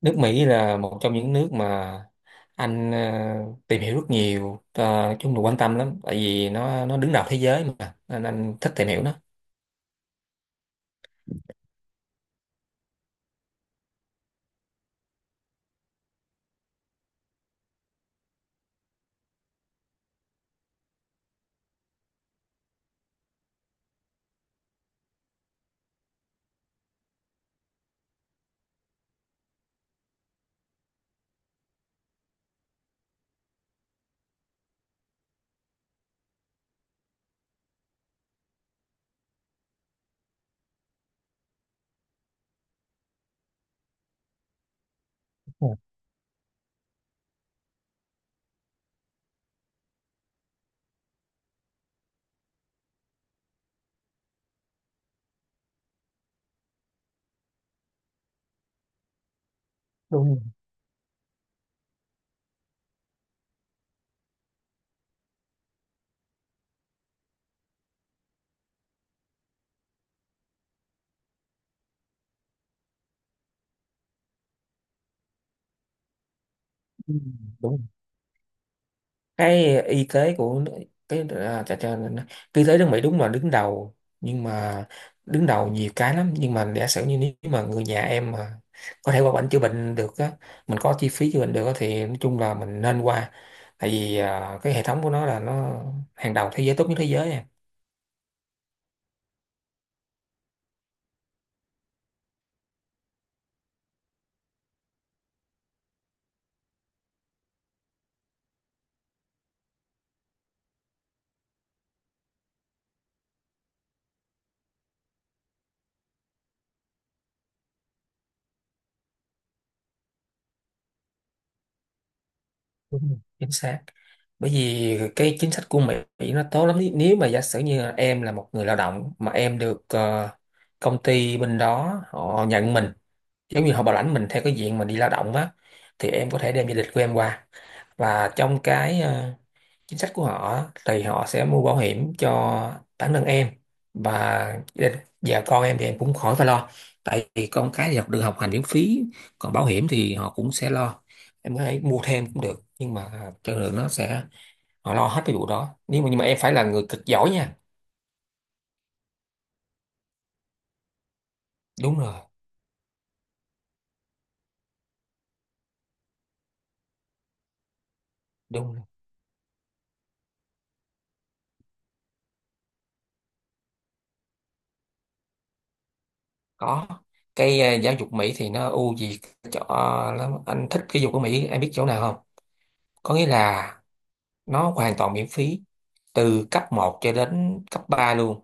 Nước Mỹ là một trong những nước mà anh tìm hiểu rất nhiều, chung là quan tâm lắm, tại vì nó đứng đầu thế giới, mà nên anh thích tìm hiểu nó. Ừ, đúng rồi. Ừ, đúng rồi. cái y tế của nước- cái à, chà, chà, cái y tế nước Mỹ đúng là đứng đầu, nhưng mà đứng đầu nhiều cái lắm. Nhưng mà giả sử như nếu mà người nhà em mà có thể qua bệnh chữa bệnh được á, mình có chi phí chữa bệnh được á, thì nói chung là mình nên qua. Tại vì cái hệ thống của nó là nó hàng đầu thế giới, tốt nhất thế giới à. Đúng rồi, chính xác, bởi vì cái chính sách của Mỹ Mỹ nó tốt lắm. Nếu mà giả sử như là em là một người lao động mà em được, công ty bên đó họ nhận mình, giống như họ bảo lãnh mình theo cái diện mà đi lao động á, thì em có thể đem gia đình của em qua. Và trong cái, chính sách của họ thì họ sẽ mua bảo hiểm cho bản thân em, và con em thì em cũng khỏi phải lo, tại vì con cái thì học được học hành miễn phí. Còn bảo hiểm thì họ cũng sẽ lo, em có thể mua thêm cũng được, nhưng mà chất lượng nó sẽ... Họ lo hết cái vụ đó. Nếu mà, nhưng mà em phải là người cực giỏi nha. Đúng rồi. Đúng rồi. Có. Cái, giáo dục Mỹ thì nó ưu việt chỗ, lắm. Anh thích cái giáo dục của Mỹ, em biết chỗ nào không? Có nghĩa là nó hoàn toàn miễn phí từ cấp một cho đến cấp 3 luôn.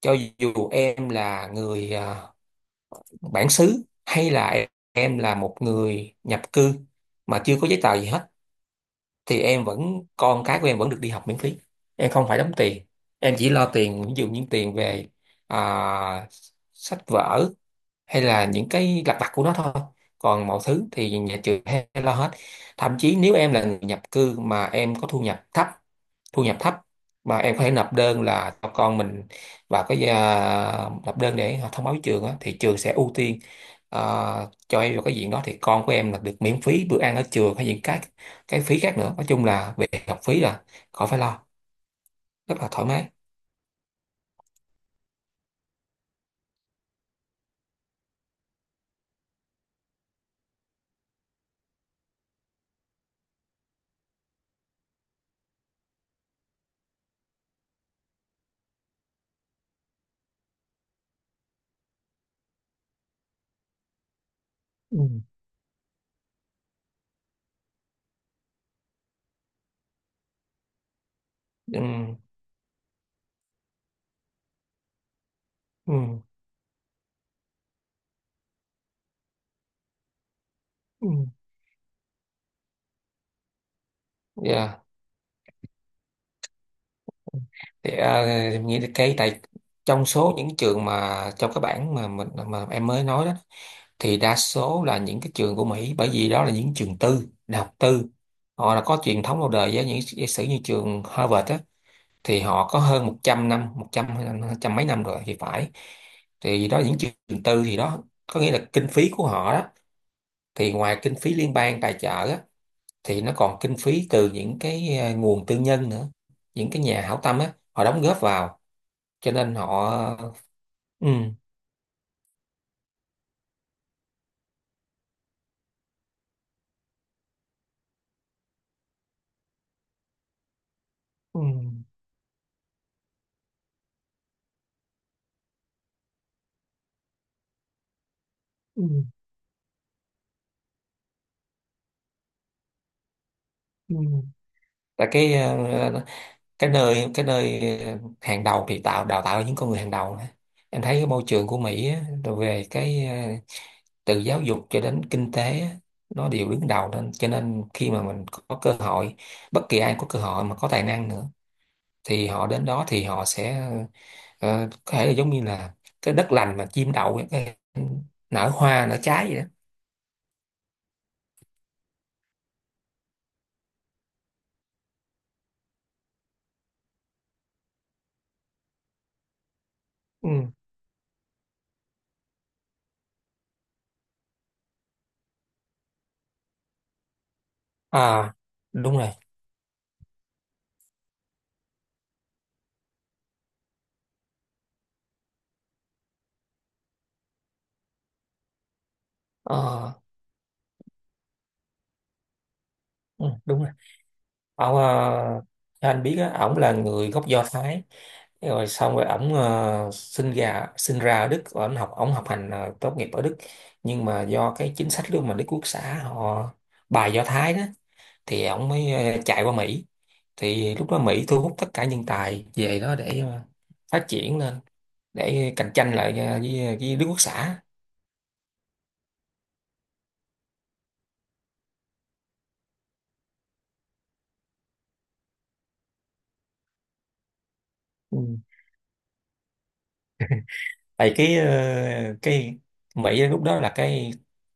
Cho dù em là người, bản xứ, hay là em là một người nhập cư mà chưa có giấy tờ gì hết, thì em vẫn, con cái của em vẫn được đi học miễn phí, em không phải đóng tiền. Em chỉ lo tiền, ví dụ những tiền về, à, sách vở hay là những cái lặt vặt của nó thôi, còn mọi thứ thì nhà trường hay lo hết. Thậm chí nếu em là người nhập cư mà em có thu nhập thấp, thu nhập thấp, mà em có thể nộp đơn là cho con mình vào cái, nộp đơn để họ thông báo với trường á, thì trường sẽ ưu tiên, à, cho em vào cái diện đó, thì con của em là được miễn phí bữa ăn ở trường hay những cái phí khác nữa. Nói chung là về học phí là khỏi phải lo, rất là thoải mái. Ừ. Ừ, ừm, ừ. Dạ. Thì nghĩ là cái tại, trong số những trường mà trong các bảng mà mình mà em mới nói đó, thì đa số là những cái trường của Mỹ, bởi vì đó là những trường tư, đại học tư, họ đã có truyền thống lâu đời, với những giả sử như trường Harvard á, thì họ có hơn 100 năm, 100 hay là trăm mấy năm rồi thì phải. Thì đó là những trường tư, thì đó có nghĩa là kinh phí của họ đó, thì ngoài kinh phí liên bang tài trợ á, thì nó còn kinh phí từ những cái, nguồn tư nhân nữa. Những cái nhà hảo tâm á, họ đóng góp vào, cho nên họ... Ừ. Ừ. Ừ. Ừ. Tại cái, cái nơi, hàng đầu thì tạo, đào tạo những con người hàng đầu á. Em thấy cái môi trường của Mỹ á, rồi về cái, từ giáo dục cho đến kinh tế á, nó đều đứng đầu, nên cho nên khi mà mình có cơ hội, bất kỳ ai có cơ hội mà có tài năng nữa, thì họ đến đó thì họ sẽ, có thể là giống như là cái đất lành mà chim đậu ấy, cái nở hoa nở trái vậy đó. Ừ. À, đúng rồi. Ờ. Ừ, đúng rồi. Ông, theo anh biết á, ổng là người gốc Do Thái. Rồi xong rồi ổng, sinh ra ở Đức, và ổng học hành, tốt nghiệp ở Đức. Nhưng mà do cái chính sách luôn mà Đức Quốc xã họ bài Do Thái đó, thì ổng mới, chạy qua Mỹ. Thì lúc đó Mỹ thu hút tất cả nhân tài về đó để, phát triển lên, để cạnh tranh lại, với Đức Quốc xã. Ừ. Tại cái, cái Mỹ lúc đó là cái,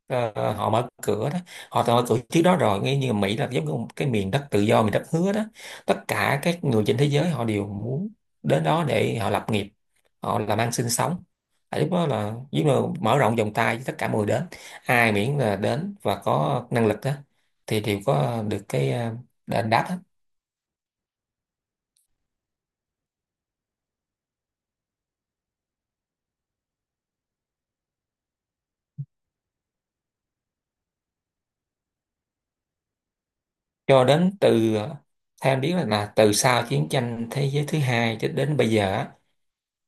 họ mở cửa đó. Họ đã mở cửa trước đó rồi, nghe như Mỹ là giống như một cái miền đất tự do, miền đất hứa đó. Tất cả các người trên thế giới họ đều muốn đến đó để họ lập nghiệp, họ làm ăn sinh sống. Tại lúc đó là giống như mở rộng vòng tay với tất cả mọi người đến, ai miễn là đến và có năng lực đó thì đều có được cái, đền đáp hết. Cho đến từ, theo em biết là, từ sau chiến tranh thế giới thứ hai cho đến bây giờ á,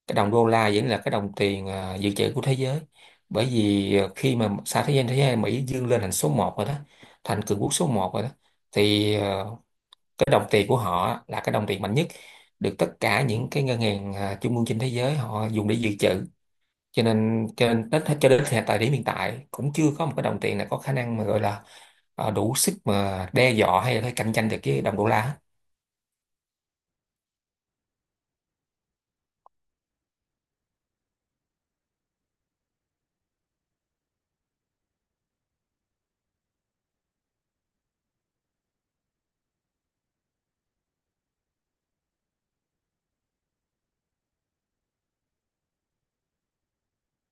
cái đồng đô la vẫn là cái đồng tiền, dự trữ của thế giới. Bởi vì khi mà sau thế giới Mỹ vươn lên thành số một rồi đó, thành cường quốc số một rồi đó, thì cái đồng tiền của họ là cái đồng tiền mạnh nhất, được tất cả những cái ngân hàng, trung ương trên thế giới họ dùng để dự trữ. Cho nên đến, cho đến hiện tại, điểm hiện tại cũng chưa có một cái đồng tiền nào có khả năng mà gọi là, đủ sức mà đe dọa hay là phải cạnh tranh được với đồng đô la.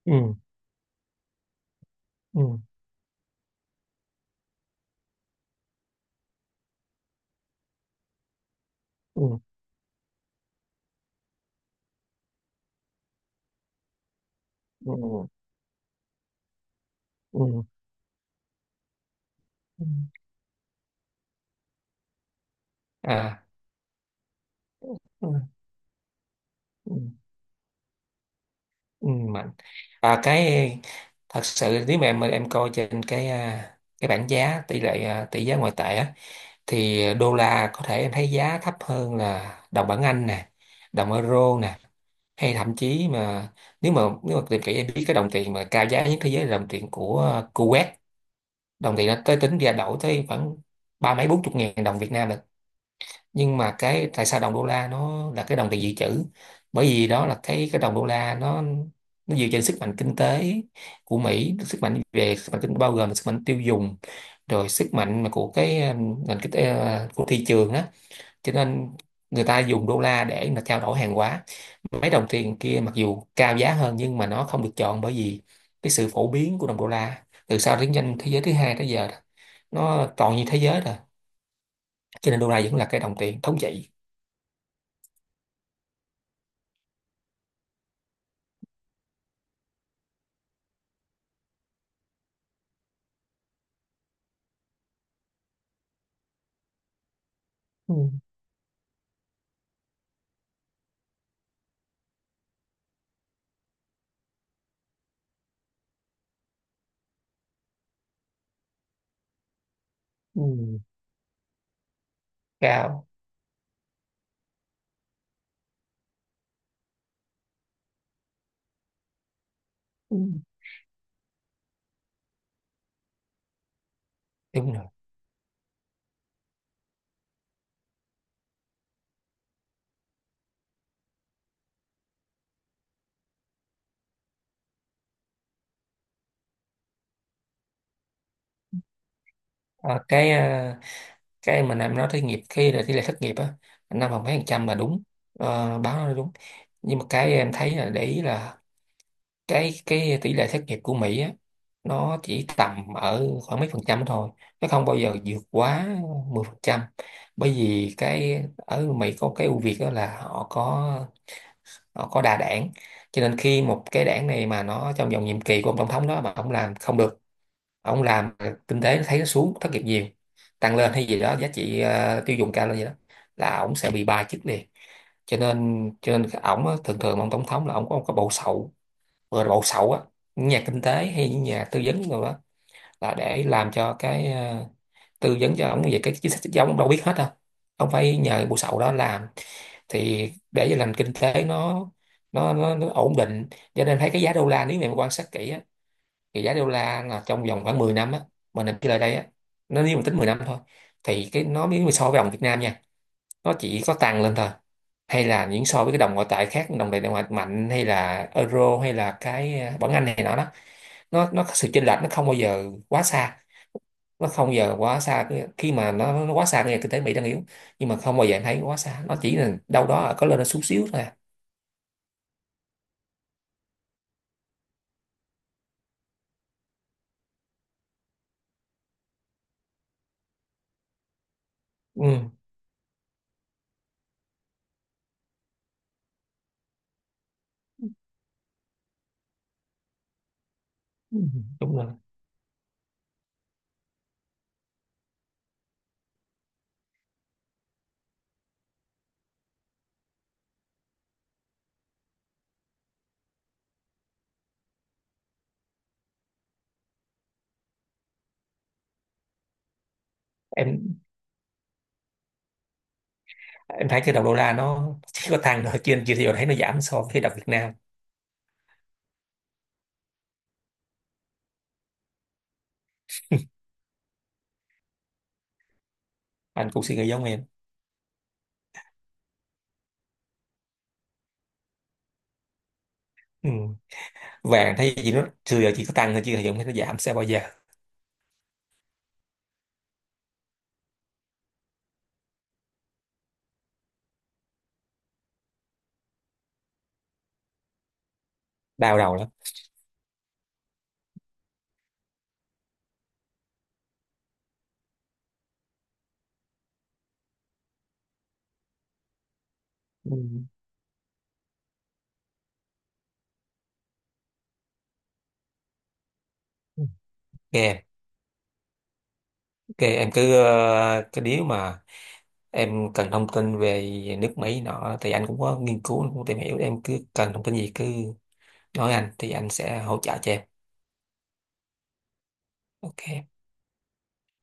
Ừ, ừ, ừ, ừ, ừ, ừ. À. Ừ. Ừ. Ừ, mạnh, cái... Thật sự nếu mà em coi trên cái, cái bảng giá tỷ lệ, tỷ giá ngoại tệ á, thì đô la có thể em thấy giá thấp hơn là đồng bảng Anh nè, đồng euro nè, hay thậm chí mà nếu mà tìm kỹ, em biết cái đồng tiền mà cao giá nhất thế giới là đồng tiền của Kuwait. Đồng tiền nó tới, tính ra đổi tới khoảng ba mấy bốn chục ngàn đồng Việt Nam là... Nhưng mà cái tại sao đồng đô la nó là cái đồng tiền dự trữ, bởi vì đó là cái đồng đô la nó, dựa trên sức mạnh kinh tế của Mỹ, sức mạnh về sức mạnh kinh, bao gồm là sức mạnh tiêu dùng, rồi sức mạnh mà của cái, nền kinh tế, của thị trường đó. Cho nên người ta dùng đô la để mà trao đổi hàng hóa. Mấy đồng tiền kia mặc dù cao giá hơn nhưng mà nó không được chọn, bởi vì cái sự phổ biến của đồng đô la từ sau chiến tranh thế giới thứ hai tới giờ đó, nó toàn như thế giới rồi, cho nên đô la vẫn là cái đồng tiền thống trị. Ừ. Ừ, cao. Ừ. Đúng rồi. Ờ, cái, cái mà Nam nói thất nghiệp, khi là tỷ lệ thất nghiệp á, năm không mấy phần trăm là đúng. Ờ, báo nói đúng. Nhưng mà cái em thấy là, để ý là cái tỷ lệ thất nghiệp của Mỹ á, nó chỉ tầm ở khoảng mấy phần trăm thôi, nó không bao giờ vượt quá 10 phần trăm. Bởi vì cái ở Mỹ có cái ưu việt đó là, họ có đa đảng. Cho nên khi một cái đảng này mà nó trong vòng nhiệm kỳ của ông tổng thống đó, mà ông làm không được, ông làm kinh tế thấy nó xuống, thất nghiệp nhiều, tăng lên hay gì đó, giá trị, tiêu dùng cao lên gì đó, là ổng sẽ bị bài chức liền. Cho nên cái ổng á, thường thường ông tổng thống là ổng có một cái bộ sậu, gọi là bộ sậu á, những nhà kinh tế hay những nhà tư vấn rồi đó, là để làm cho cái, tư vấn cho ổng về cái chính sách, chứ ổng đâu biết hết đâu, ông phải nhờ bộ sậu đó làm. Thì để cho nền kinh tế nó ổn định. Cho nên thấy cái giá đô la, nếu mà quan sát kỹ á, thì giá đô la là trong vòng khoảng 10 năm á, mình nằm cái lời đây á. Nó, nếu mình tính 10 năm thôi, thì cái nó, nếu mà so với đồng Việt Nam nha, nó chỉ có tăng lên thôi, hay là những so với cái đồng ngoại tệ khác, đồng tiền ngoại mạnh hay là euro hay là cái, bảng Anh này nọ đó, nó có sự chênh lệch, nó không bao giờ quá xa. Nó không bao giờ quá xa cái- khi mà nó quá xa, cái kinh tế Mỹ đang yếu, nhưng mà không bao giờ em thấy quá xa, nó chỉ là đâu đó có lên nó xuống xíu thôi à. Ừ. Ừ. Đúng rồi. Em em thấy cái đồng đô la nó chỉ có tăng thôi trên, anh chưa thấy thấy nó giảm so với đồng Việt Nam. Anh cũng suy nghĩ giống em. Ừ. Vàng thấy gì nó xưa giờ chỉ có tăng thôi, chứ hiện thấy nó giảm sẽ bao giờ. Đau đầu lắm. Ừ. OK. OK, em cứ, cái nếu mà em cần thông tin về nước Mỹ nọ, thì anh cũng có nghiên cứu, cũng tìm hiểu, em cứ cần thông tin gì cứ nói anh, thì anh sẽ hỗ trợ cho em. OK.